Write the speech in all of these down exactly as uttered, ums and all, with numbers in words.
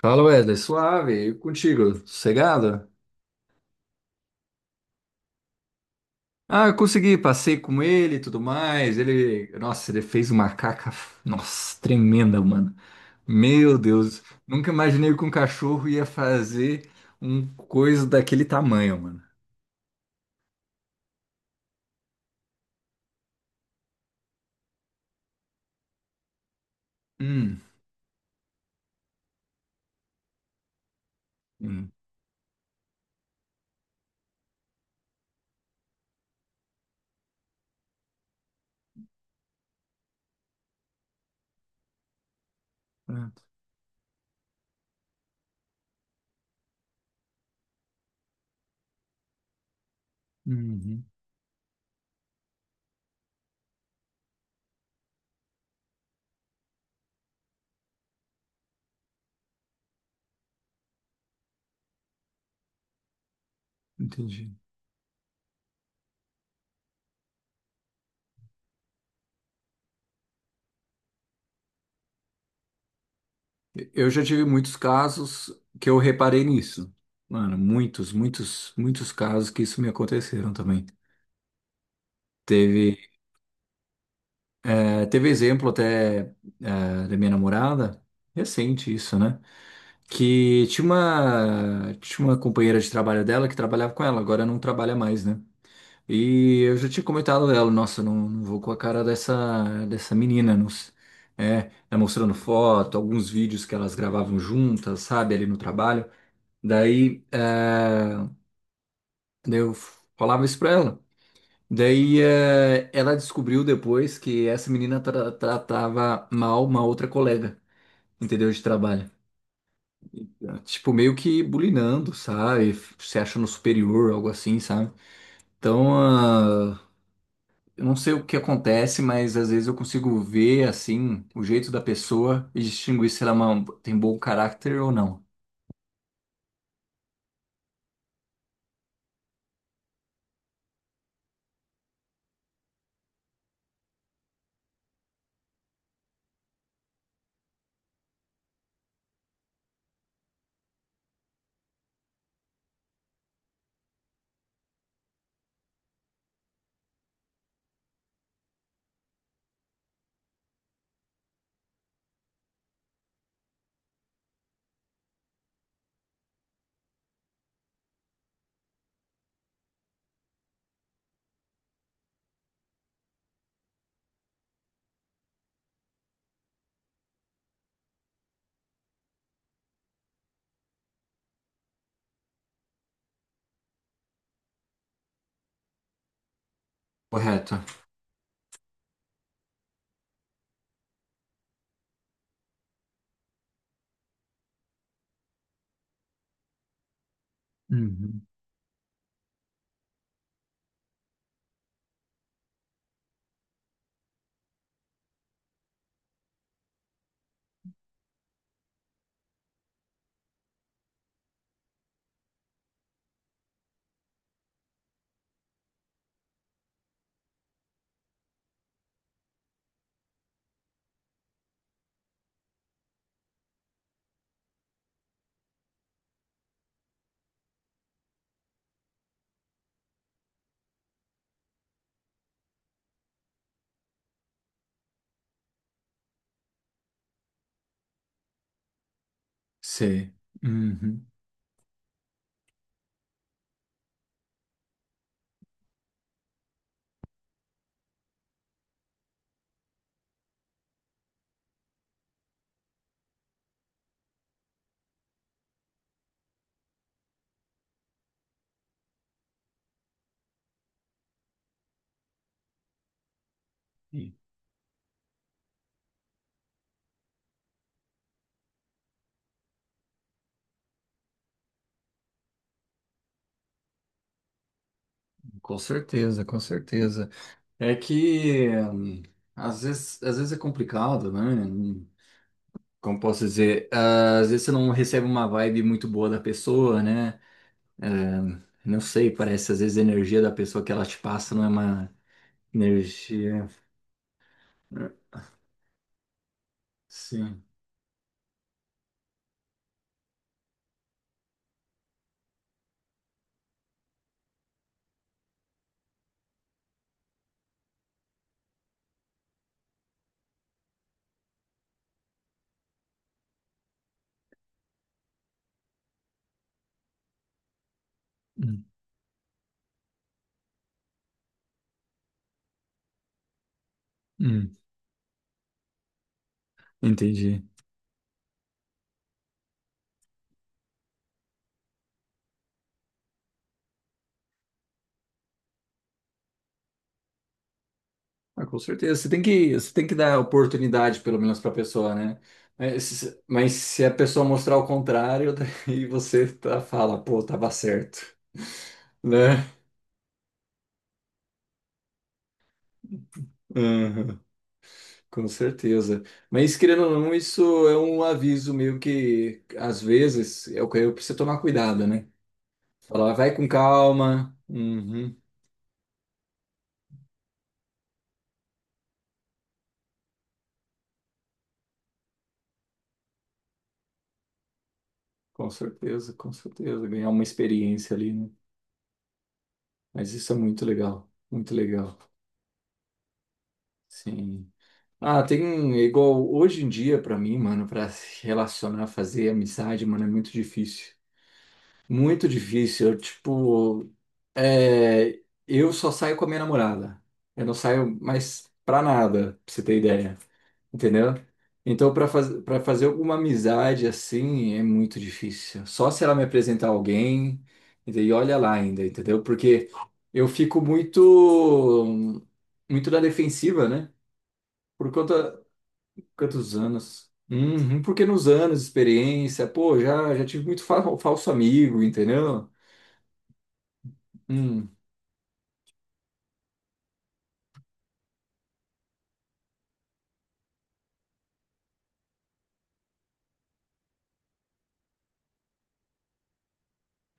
Fala, Wesley, suave, e contigo, sossegado? Ah, eu consegui, passei com ele e tudo mais. Ele, nossa, ele fez uma caca, nossa, tremenda, mano. Meu Deus, nunca imaginei que um cachorro ia fazer um coisa daquele tamanho, mano. Hum, hum, ah, uhum, entendi. Eu já tive muitos casos que eu reparei nisso. Mano, muitos, muitos, muitos casos que isso me aconteceram também. Teve. É, teve exemplo até é, da minha namorada, recente isso, né? Que tinha uma, tinha uma companheira de trabalho dela que trabalhava com ela, agora não trabalha mais, né? E eu já tinha comentado dela, nossa, não, não vou com a cara dessa, dessa menina, não, s- é, ela mostrando foto, alguns vídeos que elas gravavam juntas, sabe, ali no trabalho. Daí, é, daí eu falava isso pra ela. Daí eh, ela descobriu depois que essa menina tra- tratava mal uma outra colega, entendeu? De trabalho. Tipo, meio que bulinando, sabe? F- Se achando superior, algo assim, sabe? Então, ah, eu não sei o que acontece, mas às vezes eu consigo ver, assim, o jeito da pessoa e distinguir se ela é uma- tem bom caráter ou não. Correto? Uhum. Sei. Uhum. Com certeza, com certeza. É que hum, às vezes, às vezes é complicado, né? Hum, como posso dizer? Ah, às vezes você não recebe uma vibe muito boa da pessoa, né? É, não sei, parece às vezes a energia da pessoa que ela te passa não é uma energia. Né? Sim. Hum, hum, entendi. Ah, com certeza. Você tem que, você tem que dar oportunidade, pelo menos, para a pessoa, né? Mas, mas se a pessoa mostrar o contrário, daí você tá, fala, pô, tava certo, né? Uhum. Com certeza. Mas, querendo ou não, isso é um aviso meio que, às vezes, é o que eu preciso tomar cuidado, né? Falar, vai com calma. Uhum. Com certeza, com certeza. Ganhar uma experiência ali, né? Mas isso é muito legal, muito legal. Sim. Ah, tem igual hoje em dia pra mim, mano, pra se relacionar, fazer amizade, mano, é muito difícil. Muito difícil. Eu, tipo, é, eu só saio com a minha namorada. Eu não saio mais pra nada, pra você ter ideia. Entendeu? Então, pra faz, para fazer alguma amizade assim, é muito difícil. Só se ela me apresentar alguém, entendeu? E olha lá ainda, entendeu? Porque eu fico muito, muito na defensiva, né? Por conta, quantos anos? Uhum, porque nos anos, de experiência, pô, já, já tive muito fa- falso amigo, entendeu? Hum,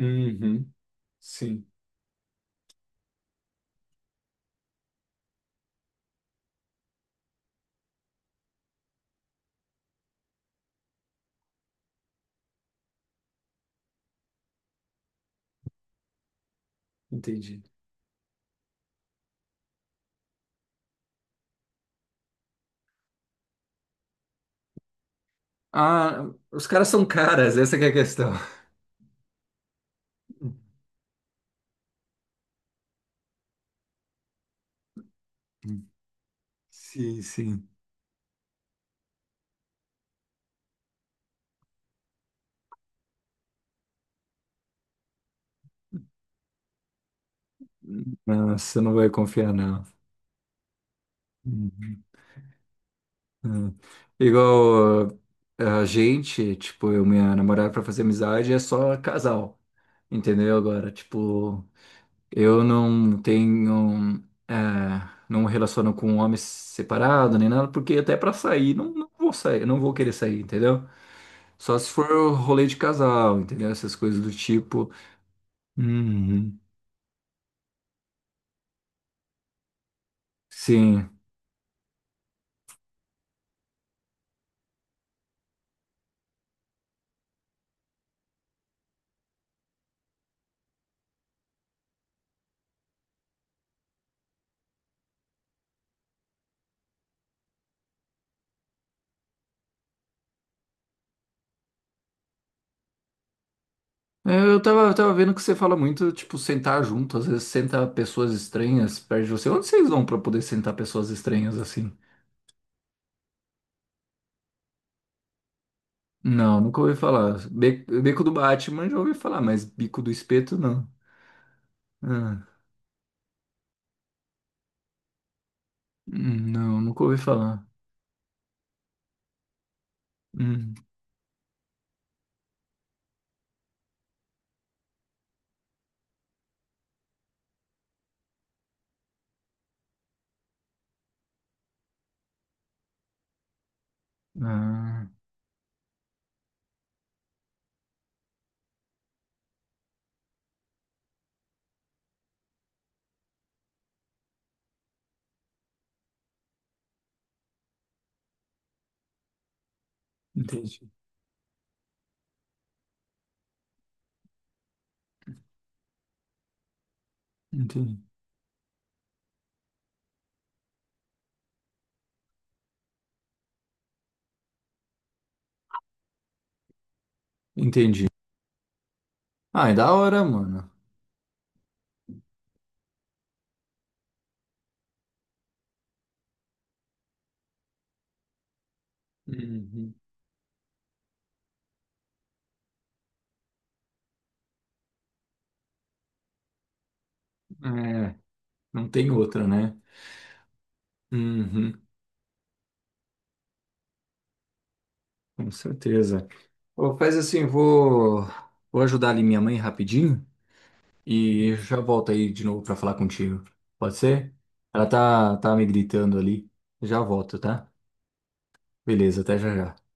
uhum, sim. Entendi. Ah, os caras são caras, essa que é a questão. Sim, sim. Não, você não vai confiar, não. Uhum. Uhum. Igual ah, a gente, tipo, eu e minha namorada pra fazer amizade é só casal, entendeu? Agora, tipo, eu não tenho, é, não me relaciono com homens separado nem nada, porque até pra sair, não, não vou sair, não vou querer sair, entendeu? Só se for rolê de casal, entendeu? Essas coisas do tipo. Uhum. Sim. É, Eu tava, eu tava vendo que você fala muito, tipo, sentar junto. Às vezes senta pessoas estranhas perto de você. Onde vocês vão pra poder sentar pessoas estranhas assim? Não, nunca ouvi falar. Be- Beco do Batman já ouvi falar, mas bico do espeto não. Ah, hum, não, nunca ouvi falar. Hum, ah, entendi. Entendi. Entendi. Ah, é da hora, mano. Uhum. É, não tem outra, né? Uhum, com certeza. Ô, faz assim, vou, vou ajudar ali minha mãe rapidinho. E eu já volto aí de novo pra falar contigo. Pode ser? Ela tá, tá me gritando ali. Já volto, tá? Beleza, até já já.